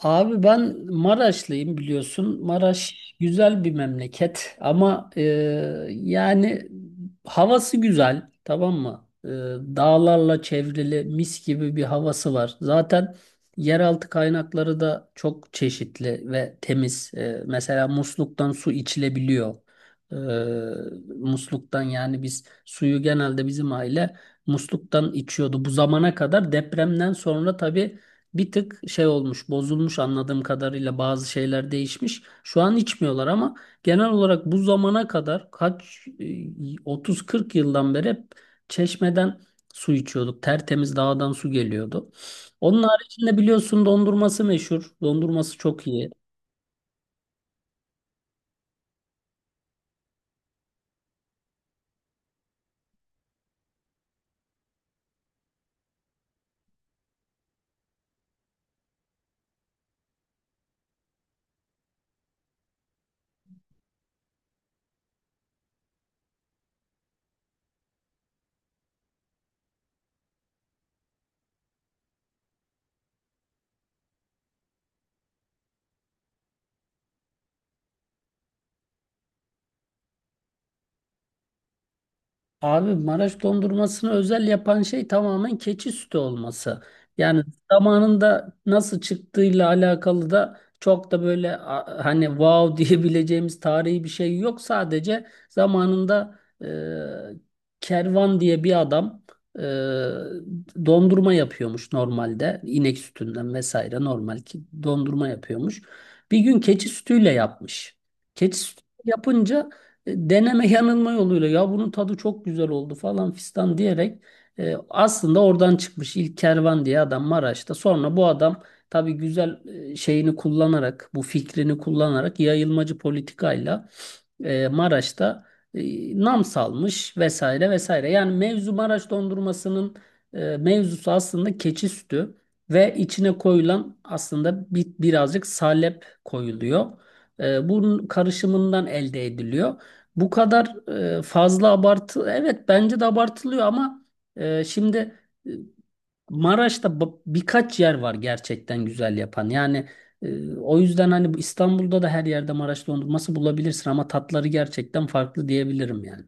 Abi ben Maraşlıyım biliyorsun. Maraş güzel bir memleket ama yani havası güzel, tamam mı? Dağlarla çevrili mis gibi bir havası var. Zaten yeraltı kaynakları da çok çeşitli ve temiz. Mesela musluktan su içilebiliyor. E, Musluktan yani biz suyu genelde bizim aile musluktan içiyordu. Bu zamana kadar depremden sonra tabii bir tık şey olmuş, bozulmuş, anladığım kadarıyla bazı şeyler değişmiş. Şu an içmiyorlar ama genel olarak bu zamana kadar kaç 30-40 yıldan beri hep çeşmeden su içiyorduk. Tertemiz dağdan su geliyordu. Onun haricinde biliyorsun dondurması meşhur. Dondurması çok iyi. Abi Maraş dondurmasını özel yapan şey tamamen keçi sütü olması. Yani zamanında nasıl çıktığıyla alakalı da çok da böyle hani wow diyebileceğimiz tarihi bir şey yok. Sadece zamanında Kervan diye bir adam e, dondurma yapıyormuş normalde. İnek sütünden vesaire normal ki dondurma yapıyormuş. Bir gün keçi sütüyle yapmış. Keçi sütü yapınca deneme yanılma yoluyla ya bunun tadı çok güzel oldu falan fistan diyerek aslında oradan çıkmış ilk kervan diye adam Maraş'ta. Sonra bu adam tabii güzel şeyini kullanarak bu fikrini kullanarak yayılmacı politikayla Maraş'ta nam salmış vesaire vesaire. Yani mevzu Maraş dondurmasının mevzusu aslında keçi sütü ve içine koyulan aslında birazcık salep koyuluyor. Bunun karışımından elde ediliyor. Bu kadar fazla abartı, evet bence de abartılıyor ama şimdi e, Maraş'ta birkaç yer var gerçekten güzel yapan. Yani o yüzden hani bu İstanbul'da da her yerde Maraş dondurması bulabilirsin ama tatları gerçekten farklı diyebilirim yani.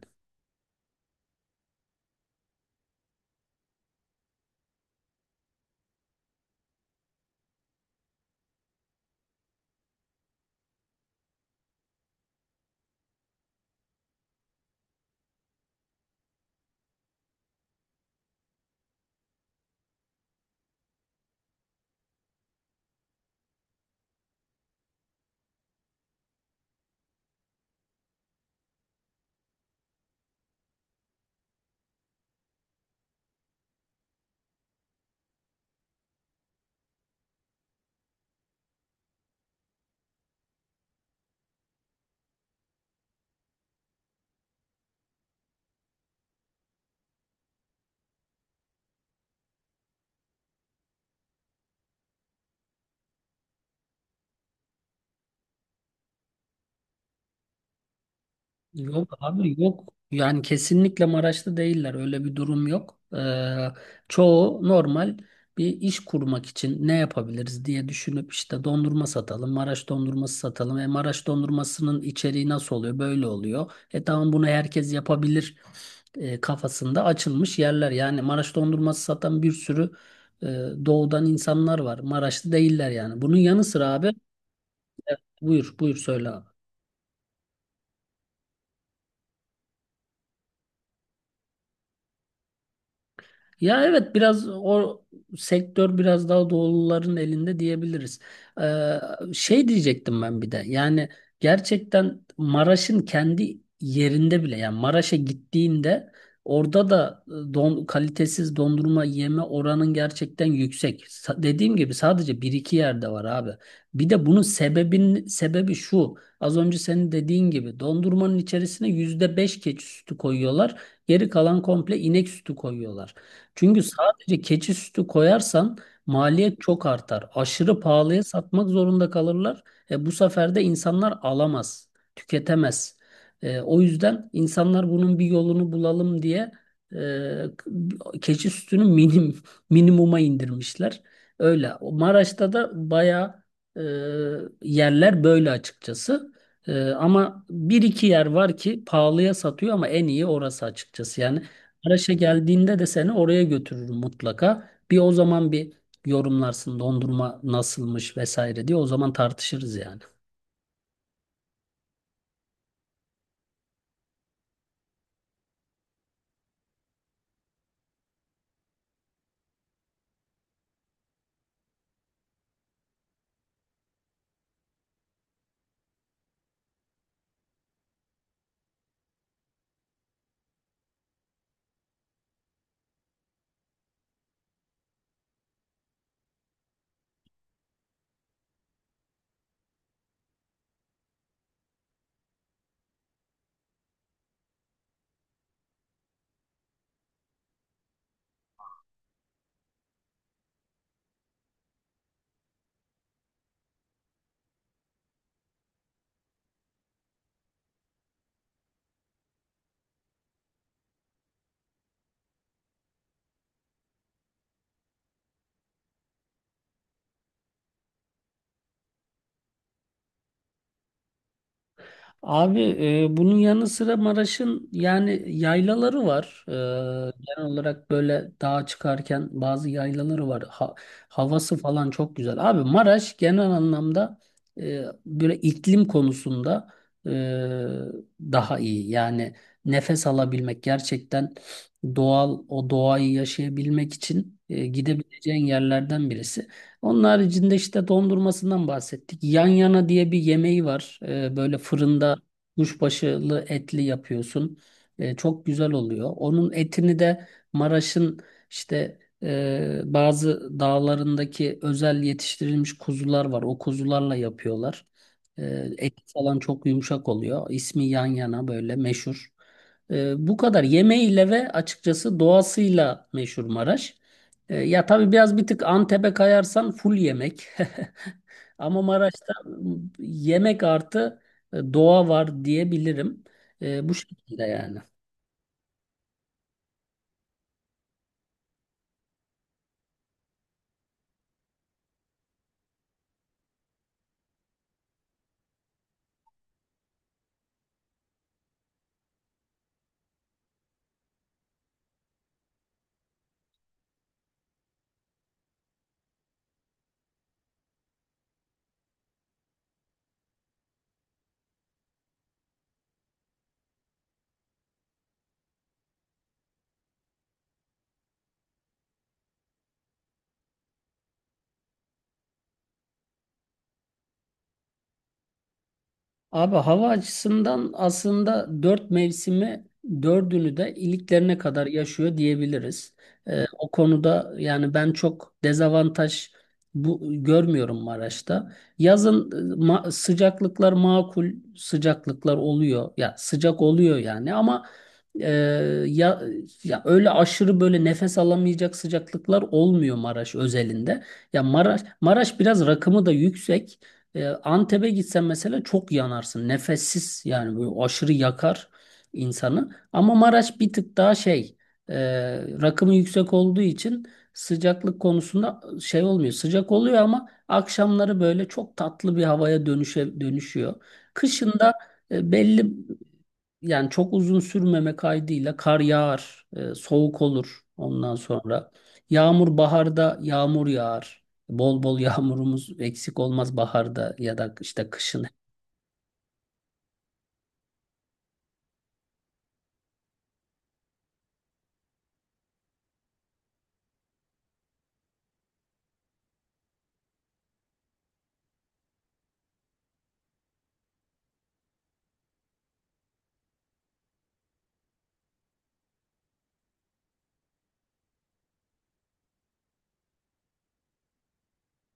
Yok abi, yok. Yani kesinlikle Maraşlı değiller. Öyle bir durum yok. Çoğu normal bir iş kurmak için ne yapabiliriz diye düşünüp işte dondurma satalım, Maraş dondurması satalım. E, Maraş dondurmasının içeriği nasıl oluyor? Böyle oluyor. E, tamam, bunu herkes yapabilir kafasında açılmış yerler. Yani Maraş dondurması satan bir sürü e, doğudan insanlar var. Maraşlı değiller yani. Bunun yanı sıra abi, buyur buyur söyle abi. Ya evet, biraz o sektör biraz daha doğuluların elinde diyebiliriz. Ee, Şey diyecektim, ben bir de yani gerçekten Maraş'ın kendi yerinde bile, yani Maraş'a gittiğinde orada da kalitesiz dondurma yeme oranın gerçekten yüksek. Dediğim gibi sadece bir iki yerde var abi. Bir de bunun sebebi şu, az önce senin dediğin gibi dondurmanın içerisine %5 keçi sütü koyuyorlar. Geri kalan komple inek sütü koyuyorlar. Çünkü sadece keçi sütü koyarsan maliyet çok artar. Aşırı pahalıya satmak zorunda kalırlar. Bu sefer de insanlar alamaz, tüketemez. O yüzden insanlar bunun bir yolunu bulalım diye e, keçi sütünü minimuma indirmişler. Öyle. O Maraş'ta da bayağı e, yerler böyle, açıkçası. Ama bir iki yer var ki pahalıya satıyor ama en iyi orası, açıkçası. Yani Maraş'a geldiğinde de seni oraya götürürüm mutlaka. Bir o zaman bir yorumlarsın dondurma nasılmış vesaire diye, o zaman tartışırız yani. Abi, bunun yanı sıra Maraş'ın yani yaylaları var. Genel olarak böyle dağa çıkarken bazı yaylaları var. Havası falan çok güzel. Abi Maraş genel anlamda böyle iklim konusunda e, daha iyi. Yani nefes alabilmek, gerçekten doğal o doğayı yaşayabilmek için gidebileceğin yerlerden birisi. Onun haricinde işte dondurmasından bahsettik. Yan yana diye bir yemeği var. Böyle fırında kuşbaşılı etli yapıyorsun. Çok güzel oluyor. Onun etini de Maraş'ın işte bazı dağlarındaki özel yetiştirilmiş kuzular var. O kuzularla yapıyorlar. Et falan çok yumuşak oluyor. İsmi yan yana böyle meşhur. Bu kadar yemeğiyle ve açıkçası doğasıyla meşhur Maraş. Ya tabii biraz bir tık Antep'e kayarsan full yemek. Ama Maraş'ta yemek artı doğa var diyebilirim. Bu şekilde yani. Abi hava açısından aslında dört mevsimi, dördünü de iliklerine kadar yaşıyor diyebiliriz. O konuda yani ben çok dezavantaj bu görmüyorum Maraş'ta. Yazın sıcaklıklar, makul sıcaklıklar oluyor. Ya sıcak oluyor yani ama e, ya ya öyle aşırı böyle nefes alamayacak sıcaklıklar olmuyor Maraş özelinde. Ya Maraş biraz rakımı da yüksek. Antep'e gitsen mesela çok yanarsın. Nefessiz yani böyle aşırı yakar insanı. Ama Maraş bir tık daha şey, e, rakımı yüksek olduğu için sıcaklık konusunda şey olmuyor. Sıcak oluyor ama akşamları böyle çok tatlı bir havaya dönüşüyor. Kışında belli, yani çok uzun sürmeme kaydıyla kar yağar, soğuk olur ondan sonra. Yağmur, baharda yağmur yağar. Bol bol yağmurumuz eksik olmaz baharda ya da işte kışın.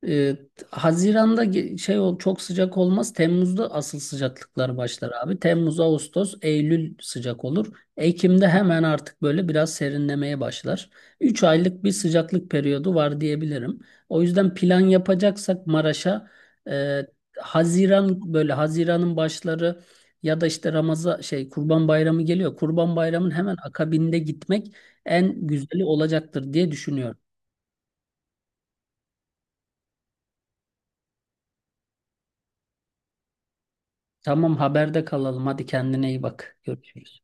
Ee, Haziran'da çok sıcak olmaz. Temmuz'da asıl sıcaklıklar başlar abi. Temmuz, Ağustos, Eylül sıcak olur. Ekim'de hemen artık böyle biraz serinlemeye başlar. 3 aylık bir sıcaklık periyodu var diyebilirim. O yüzden plan yapacaksak Maraş'a e, Haziran böyle Haziran'ın başları ya da işte Ramazan şey Kurban Bayramı geliyor. Kurban Bayramı'nın hemen akabinde gitmek en güzeli olacaktır diye düşünüyorum. Tamam, haberde kalalım. Hadi kendine iyi bak. Görüşürüz.